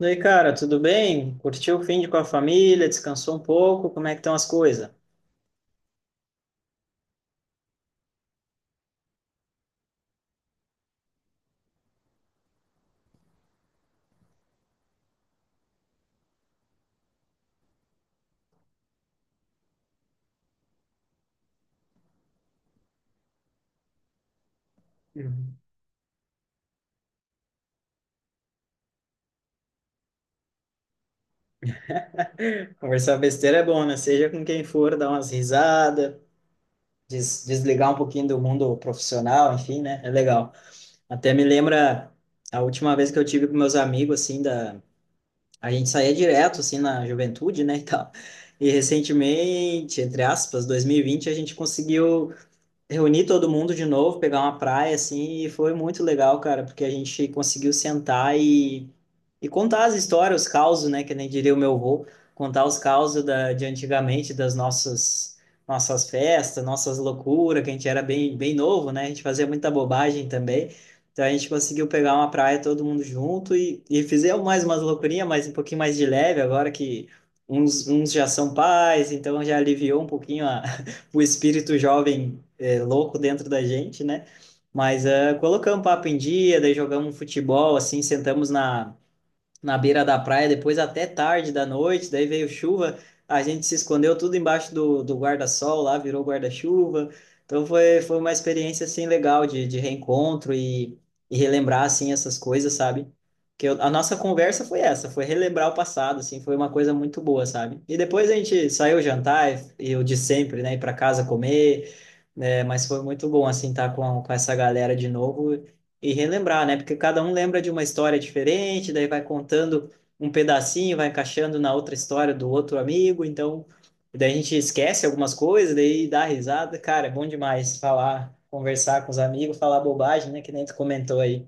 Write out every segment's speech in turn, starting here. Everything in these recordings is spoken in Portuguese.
E aí, cara, tudo bem? Curtiu o fim com a família? Descansou um pouco? Como é que estão as coisas? Uhum. Conversar besteira é bom, né? Seja com quem for, dar umas risadas, desligar um pouquinho do mundo profissional, enfim, né? É legal. Até me lembra a última vez que eu tive com meus amigos, assim, a gente saía direto, assim, na juventude, né, e tal. E recentemente, entre aspas, 2020, a gente conseguiu reunir todo mundo de novo, pegar uma praia, assim, e foi muito legal, cara, porque a gente conseguiu sentar e contar as histórias, os causos, né, que nem diria o meu avô, contar os causos de antigamente, das nossas festas, nossas loucuras, que a gente era bem, bem novo, né, a gente fazia muita bobagem também, então a gente conseguiu pegar uma praia todo mundo junto e fizemos mais umas loucurinhas, mas um pouquinho mais de leve, agora que uns já são pais, então já aliviou um pouquinho o espírito jovem é, louco dentro da gente, né? Mas colocamos papo em dia, daí jogamos um futebol, assim, sentamos na beira da praia, depois até tarde da noite, daí veio chuva, a gente se escondeu tudo embaixo do guarda-sol lá, virou guarda-chuva. Então foi uma experiência assim legal de reencontro e relembrar assim essas coisas, sabe? A nossa conversa foi essa, foi relembrar o passado, assim, foi uma coisa muito boa, sabe? E depois a gente saiu jantar, e eu de sempre, né, ir para casa comer, né? Mas foi muito bom assim estar com essa galera de novo e relembrar, né? Porque cada um lembra de uma história diferente, daí vai contando um pedacinho, vai encaixando na outra história do outro amigo, então daí a gente esquece algumas coisas, daí dá risada. Cara, é bom demais falar, conversar com os amigos, falar bobagem, né? Que nem tu comentou aí.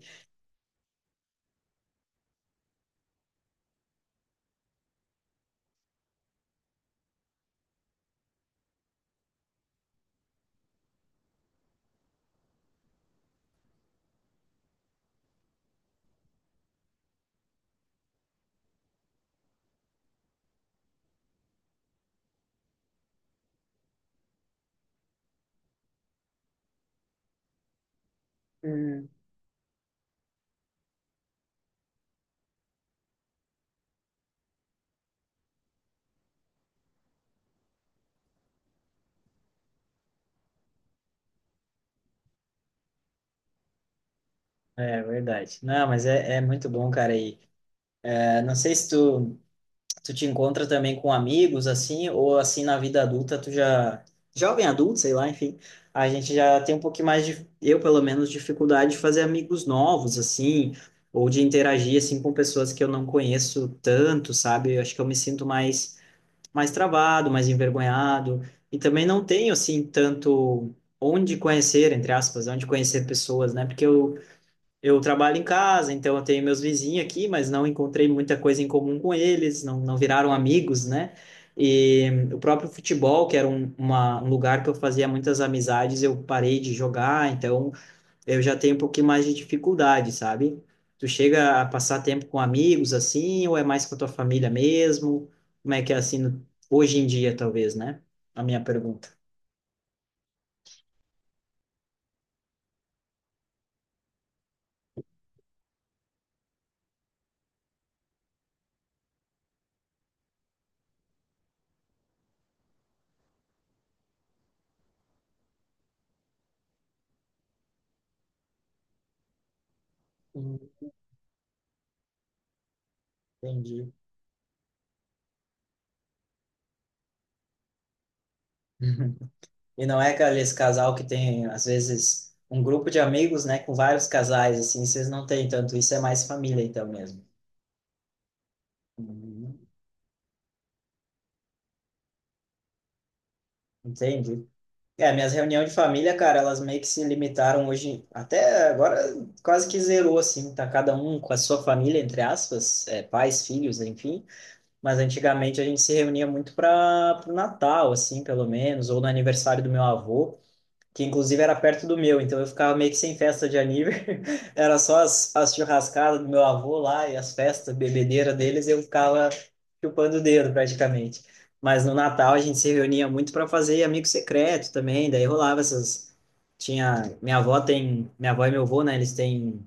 Hum. É verdade. Não, mas é muito bom, cara. E, é, não sei se tu. Tu te encontra também com amigos, assim, ou assim na vida adulta, tu já. Jovem adulto, sei lá, enfim. A gente já tem um pouquinho mais de. Eu, pelo menos, dificuldade de fazer amigos novos, assim, ou de interagir, assim, com pessoas que eu não conheço tanto, sabe? Eu acho que eu me sinto mais travado, mais envergonhado. E também não tenho, assim, tanto onde conhecer, entre aspas, onde conhecer pessoas, né? Porque eu trabalho em casa, então eu tenho meus vizinhos aqui, mas não encontrei muita coisa em comum com eles, não, não viraram amigos, né? E o próprio futebol, que era um lugar que eu fazia muitas amizades, eu parei de jogar, então eu já tenho um pouquinho mais de dificuldade, sabe? Tu chega a passar tempo com amigos assim, ou é mais com a tua família mesmo? Como é que é assim hoje em dia, talvez, né? A minha pergunta. Hum, Entendi. E não é aqueles casal que tem, às vezes, um grupo de amigos, né, com vários casais, assim, vocês não têm tanto, isso é mais família, então, mesmo. Uhum. Entendi. É, minhas reuniões de família, cara, elas meio que se limitaram hoje, até agora quase que zerou, assim, tá cada um com a sua família, entre aspas, é, pais, filhos, enfim, mas antigamente a gente se reunia muito para o Natal, assim, pelo menos, ou no aniversário do meu avô, que inclusive era perto do meu, então eu ficava meio que sem festa de aniversário. Era só as churrascadas do meu avô lá e as festas, bebedeira deles, eu ficava chupando o dedo praticamente. Mas no Natal a gente se reunia muito para fazer amigo secreto também, daí rolava essas. Tinha. Minha avó tem. Minha avó e meu avô, né? Eles têm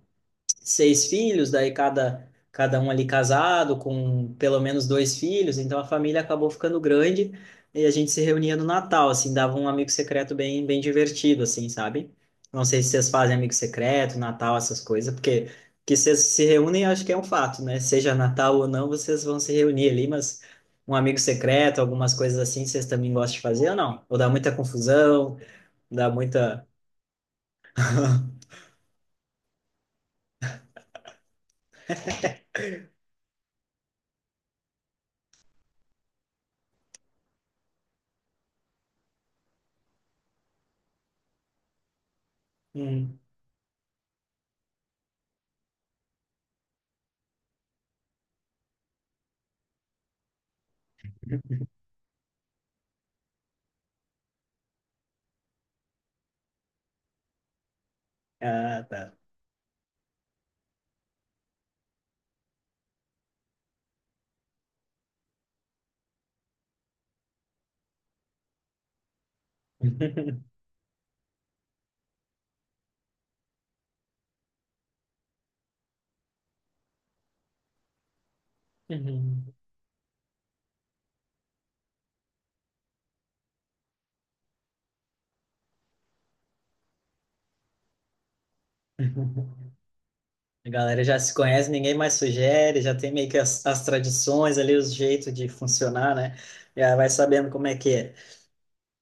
seis filhos, daí cada um ali casado, com pelo menos dois filhos, então a família acabou ficando grande e a gente se reunia no Natal, assim, dava um amigo secreto bem, bem divertido, assim, sabe? Não sei se vocês fazem amigo secreto, Natal, essas coisas, porque que vocês se reúnem, acho que é um fato, né? Seja Natal ou não, vocês vão se reunir ali, mas um amigo secreto, algumas coisas assim, vocês também gostam de fazer ou não? Ou dá muita confusão, dá muita. Hum. Ah, tá. Uhum. A galera já se conhece, ninguém mais sugere, já tem meio que as tradições ali, os jeitos de funcionar, né? Já vai sabendo como é que é.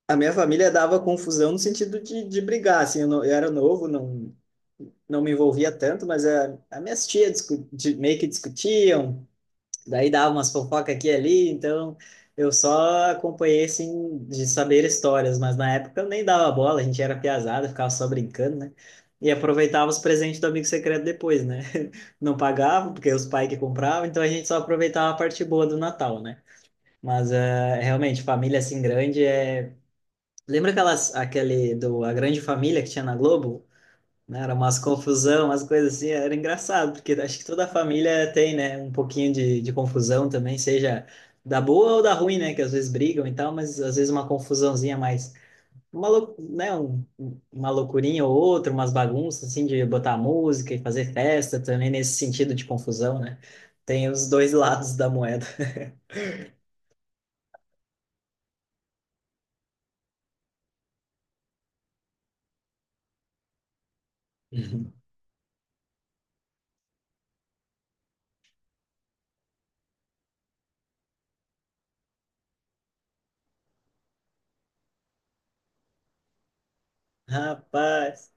A minha família dava confusão no sentido de brigar, assim, eu, eu era novo, não, não me envolvia tanto, mas a minhas tias meio que discutiam, daí dava umas fofocas aqui e ali, então eu só acompanhei, assim, de saber histórias, mas na época eu nem dava bola, a gente era piazada, ficava só brincando, né? E aproveitava os presentes do amigo secreto depois, né? Não pagava, porque os pais que compravam, então a gente só aproveitava a parte boa do Natal, né? Mas realmente, família assim grande é. Lembra aquelas, aquele do A Grande Família que tinha na Globo? Né, era umas confusão, umas coisas assim, era engraçado, porque acho que toda a família tem, né, um pouquinho de confusão também, seja da boa ou da ruim, né, que às vezes brigam e tal, mas às vezes uma confusãozinha mais, né, uma loucurinha ou outra, umas bagunças, assim, de botar música e fazer festa também, nesse sentido de confusão, né, tem os dois lados da moeda. Rapaz,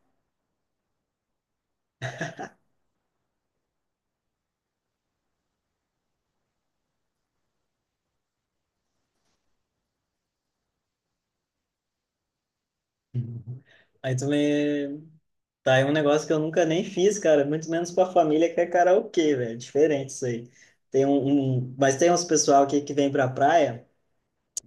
aí tu me, tá, é um negócio que eu nunca nem fiz, cara, muito menos com a família, que é karaokê, velho. Diferente isso aí. Mas tem uns pessoal aqui que vem pra praia.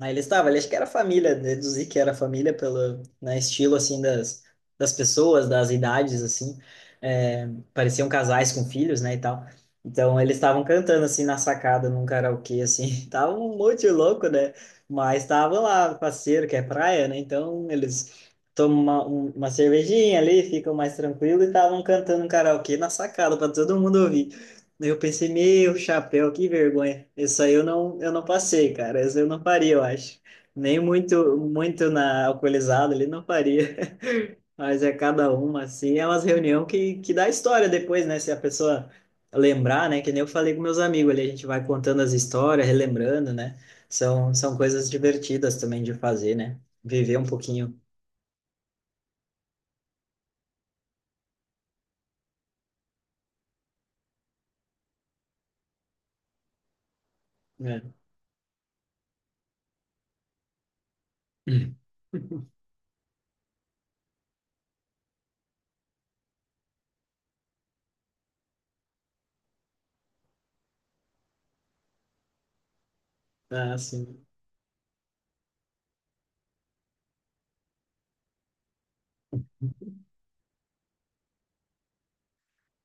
Aí ele estava, ele acho que era família, deduzi que era família pelo, né, estilo assim das, pessoas, das idades assim, é, pareciam casais com filhos, né, e tal. Então eles estavam cantando assim na sacada num karaokê assim, tava um monte de louco, né? Mas tava lá parceiro que é praia, né? Então eles tomam uma cervejinha ali, ficam mais tranquilo e estavam cantando um karaokê na sacada para todo mundo ouvir. Eu pensei, meu chapéu, que vergonha. Isso aí eu não passei, cara. Isso eu não faria, eu acho. Nem muito, muito na alcoolizado ali não faria. Mas é cada uma, assim. É umas reunião que dá história depois, né? Se a pessoa lembrar, né? Que nem eu falei com meus amigos ali, a gente vai contando as histórias, relembrando, né? São coisas divertidas também de fazer, né? Viver um pouquinho, né? Ah, sim.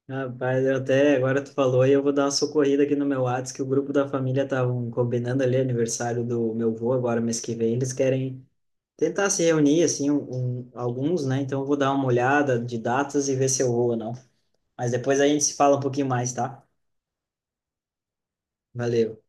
Rapaz, eu até agora tu falou e eu vou dar uma socorrida aqui no meu Whats, que o grupo da família estavam combinando ali aniversário do meu avô agora mês que vem. Eles querem tentar se reunir, assim, alguns, né? Então eu vou dar uma olhada de datas e ver se eu vou ou não. Mas depois a gente se fala um pouquinho mais, tá? Valeu.